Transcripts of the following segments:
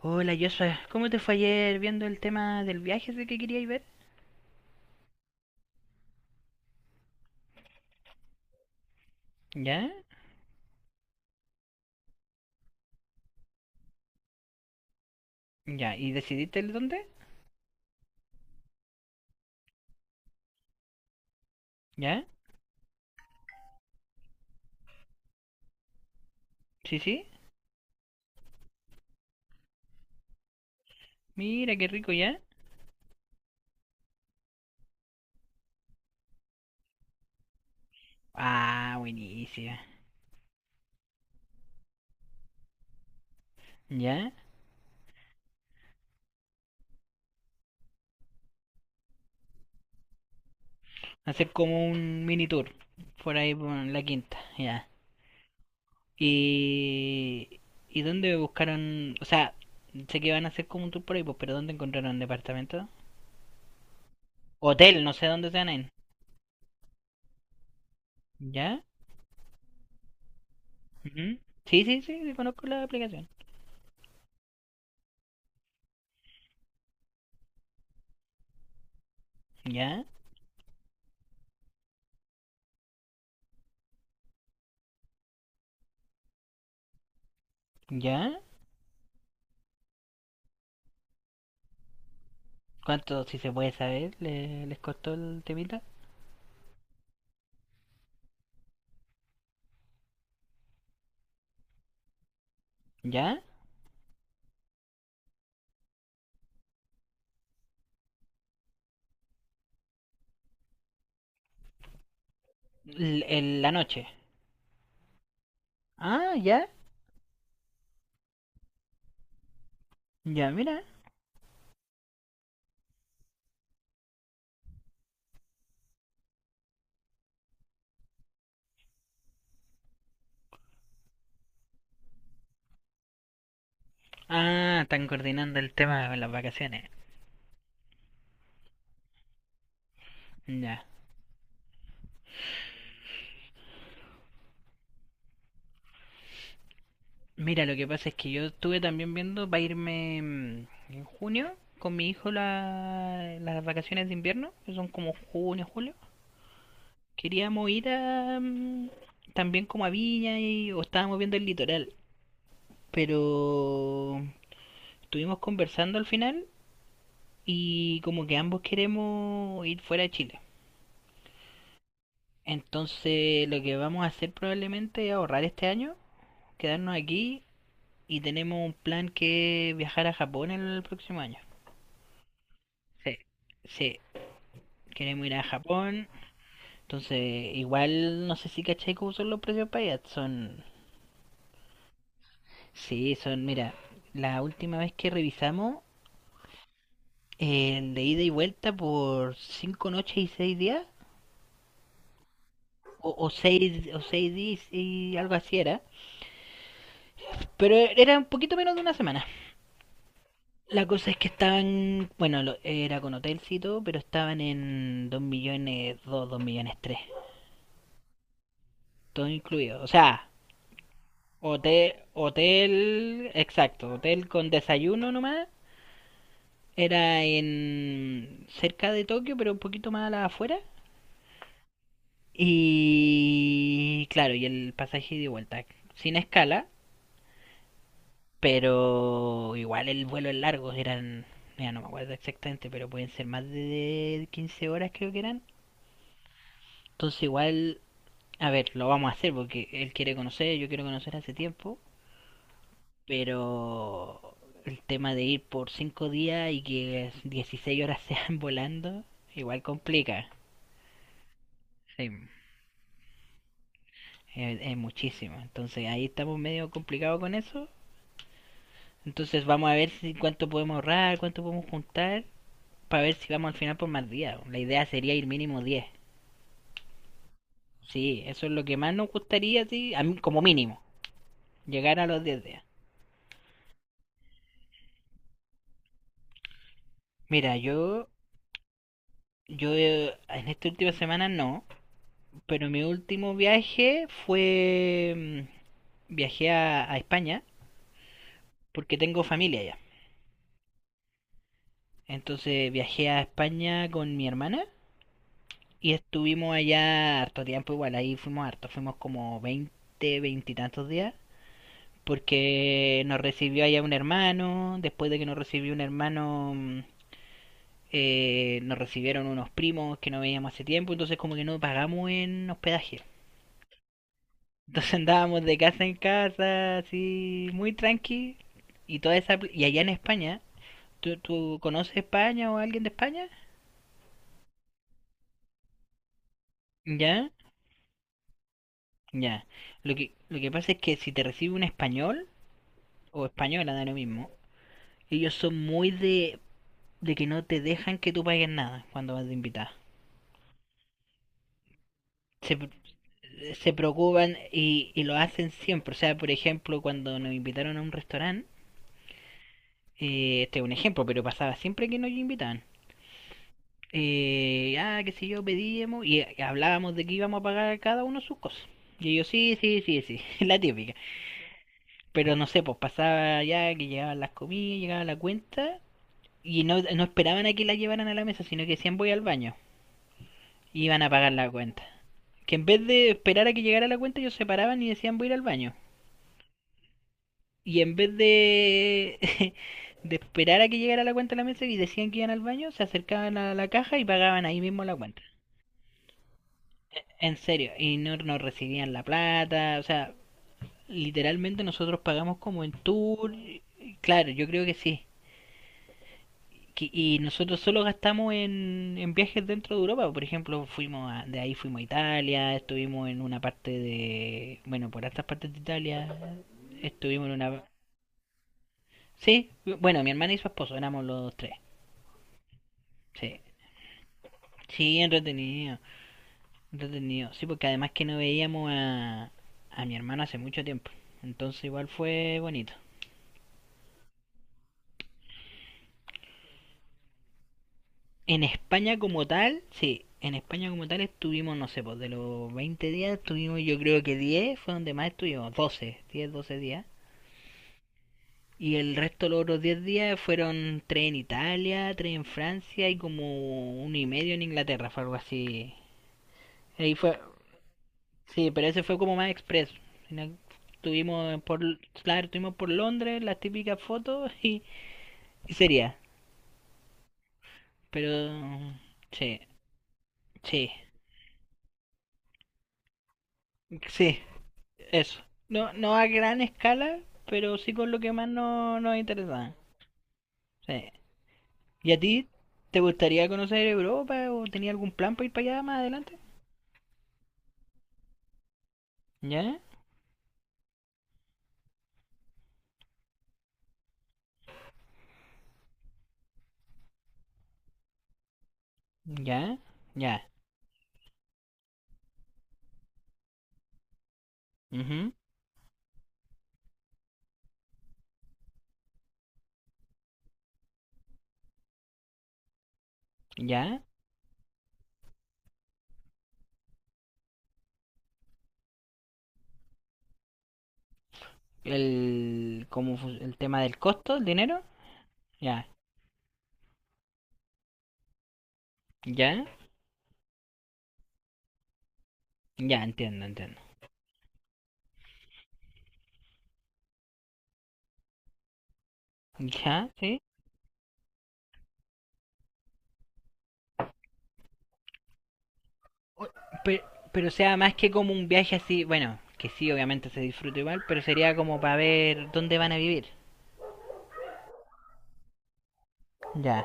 Hola Joshua, ¿cómo te fue ayer viendo el tema del viaje ese que queríais ver? ¿Ya? ¿Ya? ¿Y decidiste el dónde? ¿Ya? ¿Sí, sí? Mira, qué rico, ¿ya? Ah, buenísima. ¿Ya? Hacer como un mini tour por ahí por la quinta, ¿ya? ¿Y, ¿y dónde buscaron? O sea, sé que van a hacer como un tour por ahí, pues, pero ¿dónde encontraron departamento? Hotel, no sé dónde se van a ir. ¿Ya? Ujú. Sí, sí, sí, sí, conozco la aplicación. ¿Ya? ¿Ya? ¿Cuánto, si se puede saber, les costó el temita? ¿Ya? L- en la noche. Ah, ya. Ya, mira. Ah, están coordinando el tema de las vacaciones. Ya. Mira, lo que pasa es que yo estuve también viendo para irme en junio con mi hijo las vacaciones de invierno, que son como junio, julio. Queríamos ir a, también como a Viña y, o estábamos viendo el litoral, pero estuvimos conversando al final y como que ambos queremos ir fuera de Chile. Entonces lo que vamos a hacer probablemente es ahorrar este año, quedarnos aquí y tenemos un plan que es viajar a Japón el próximo año. Sí. Sí, queremos ir a Japón. Entonces igual no sé si cachai cómo son los precios para allá. Son, sí, son, mira, la última vez que revisamos el de ida y vuelta por cinco noches y seis días o seis días y algo así era. Pero era un poquito menos de una semana. La cosa es que estaban, bueno, era con hotelcito, pero estaban en 2 millones 2 millones tres. Todo incluido. O sea, hotel, exacto, hotel con desayuno nomás. Era en cerca de Tokio, pero un poquito más a la afuera. Y claro, y el pasaje de vuelta. Sin escala. Pero igual el vuelo es largo, eran, mira, no me acuerdo exactamente, pero pueden ser más de 15 horas creo que eran. Entonces igual, a ver, lo vamos a hacer porque él quiere conocer, yo quiero conocer hace tiempo, pero el tema de ir por 5 días y que 16 horas sean volando, igual complica. Sí, es muchísimo. Entonces ahí estamos medio complicados con eso. Entonces vamos a ver si cuánto podemos ahorrar, cuánto podemos juntar para ver si vamos al final por más días. La idea sería ir mínimo diez. Sí, eso es lo que más nos gustaría, sí, a mí, como mínimo, llegar a los 10 días. Mira, yo, yo en esta última semana no, pero mi último viaje fue, mm, viajé a España porque tengo familia allá. Entonces viajé a España con mi hermana y estuvimos allá harto tiempo, igual ahí fuimos harto, fuimos como 20 20 y tantos días. Porque nos recibió allá un hermano, después de que nos recibió un hermano, nos recibieron unos primos que no veíamos hace tiempo, entonces como que no pagamos en hospedaje. Entonces andábamos de casa en casa, así, muy tranqui, y toda esa... pl- Y allá en España, ¿tú conoces España o alguien de España? ¿Ya? Ya. Lo que pasa es que si te recibe un español, o española, da lo mismo, ellos son muy de que no te dejan que tú pagues nada cuando vas de invitada. Se, se preocupan y lo hacen siempre. O sea, por ejemplo, cuando nos invitaron a un restaurante, este es un ejemplo, pero pasaba siempre que nos invitaban. Ah, qué sé yo, pedíamos y hablábamos de que íbamos a pagar cada uno sus cosas. Y ellos, sí, sí, sí, sí, la típica. Pero no sé, pues pasaba ya que llegaban las comidas, llegaba la cuenta y no, no esperaban a que la llevaran a la mesa, sino que decían voy al baño. Y iban a pagar la cuenta. Que en vez de esperar a que llegara la cuenta, ellos se paraban y decían voy a ir al baño. Y en vez de, de esperar a que llegara la cuenta a la mesa y decían que iban al baño, se acercaban a la caja y pagaban ahí mismo la cuenta. En serio, y no, no recibían la plata, o sea, literalmente nosotros pagamos como en tour, claro, yo creo que sí. Que- Y nosotros solo gastamos en viajes dentro de Europa, por ejemplo, de ahí fuimos a Italia, estuvimos en una parte de, bueno, por estas partes de Italia, estuvimos en una... Sí, bueno, mi hermana y su esposo, éramos los tres, sí. Sí, entretenido, entretenido. Sí, porque además que no veíamos a mi hermano hace mucho tiempo. Entonces igual fue bonito. En España como tal, sí, en España como tal estuvimos, no sé, pues de los 20 días estuvimos yo creo que 10 fue donde más estuvimos, 12 10 12 días. Y el resto, los otros 10 días fueron 3 en Italia, 3 en Francia y como uno y medio en Inglaterra, fue algo así. Ahí fue, sí, pero ese fue como más expreso. Sino- Tuvimos por, claro, tuvimos por Londres las típicas fotos y sería. Pero sí, sí, sí, eso. No, no a gran escala, pero sí con lo que más no, nos interesa. Sí. ¿Y a ti te gustaría conocer Europa o tenías algún plan para ir para allá más adelante? Ya, ya, ya, ujú, ya. El, como el tema del costo, el dinero, ya, ya, ya, entiendo, entiendo. Ya, sí. Pero, pero o sea más que como un viaje así, bueno, que sí, obviamente se disfruta igual, pero sería como para ver dónde van a vivir. Ya.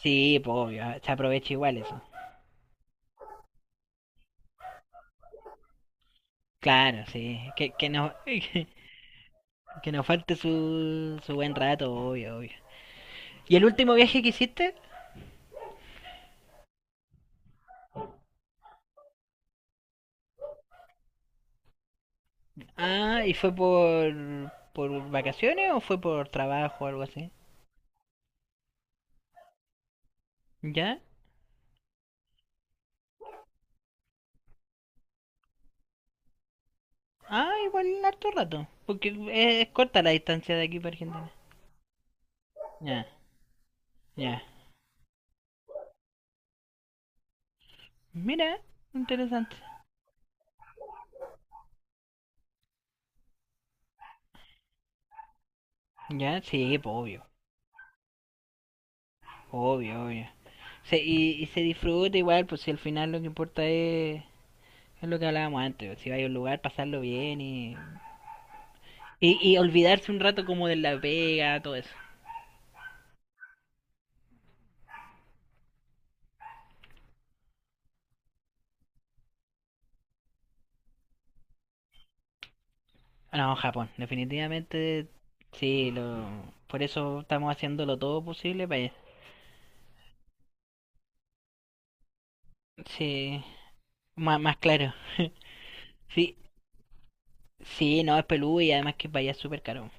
Sí, pues obvio, se aprovecha igual eso. Claro, sí. No, que nos falte su buen rato, obvio, obvio. ¿Y el último viaje que hiciste? Ah, ¿por vacaciones o fue por trabajo o algo así? ¿Ya? Ah, igual harto rato. Porque es corta la distancia de aquí para Argentina. Ya, ya. Mira, interesante. Ya, sí, pues, obvio, obvio, obvio. Se- y se disfruta igual, pues si al final lo que importa es lo que hablábamos antes, pues, si vais a un lugar, pasarlo bien y olvidarse un rato como de la pega, todo eso. No, Japón, definitivamente, sí, lo, por eso estamos haciéndolo todo posible para allá. Sí, más, más claro. Sí, sí, no, es peludo y además que vaya súper caro.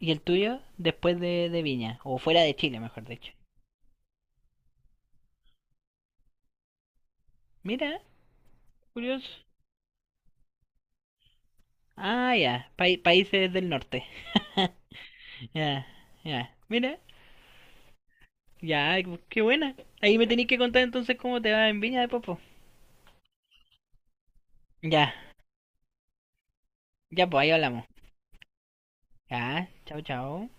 ¿Y el tuyo? Después de Viña, o fuera de Chile, mejor dicho. Mira, curioso. Ah, ya, Pai- países del norte. Ya, ya. Mira, ya, qué buena. Ahí me tenéis que contar entonces cómo te va en Viña de Popo. Ya, ya, pues ahí hablamos. Ya, chao, chao.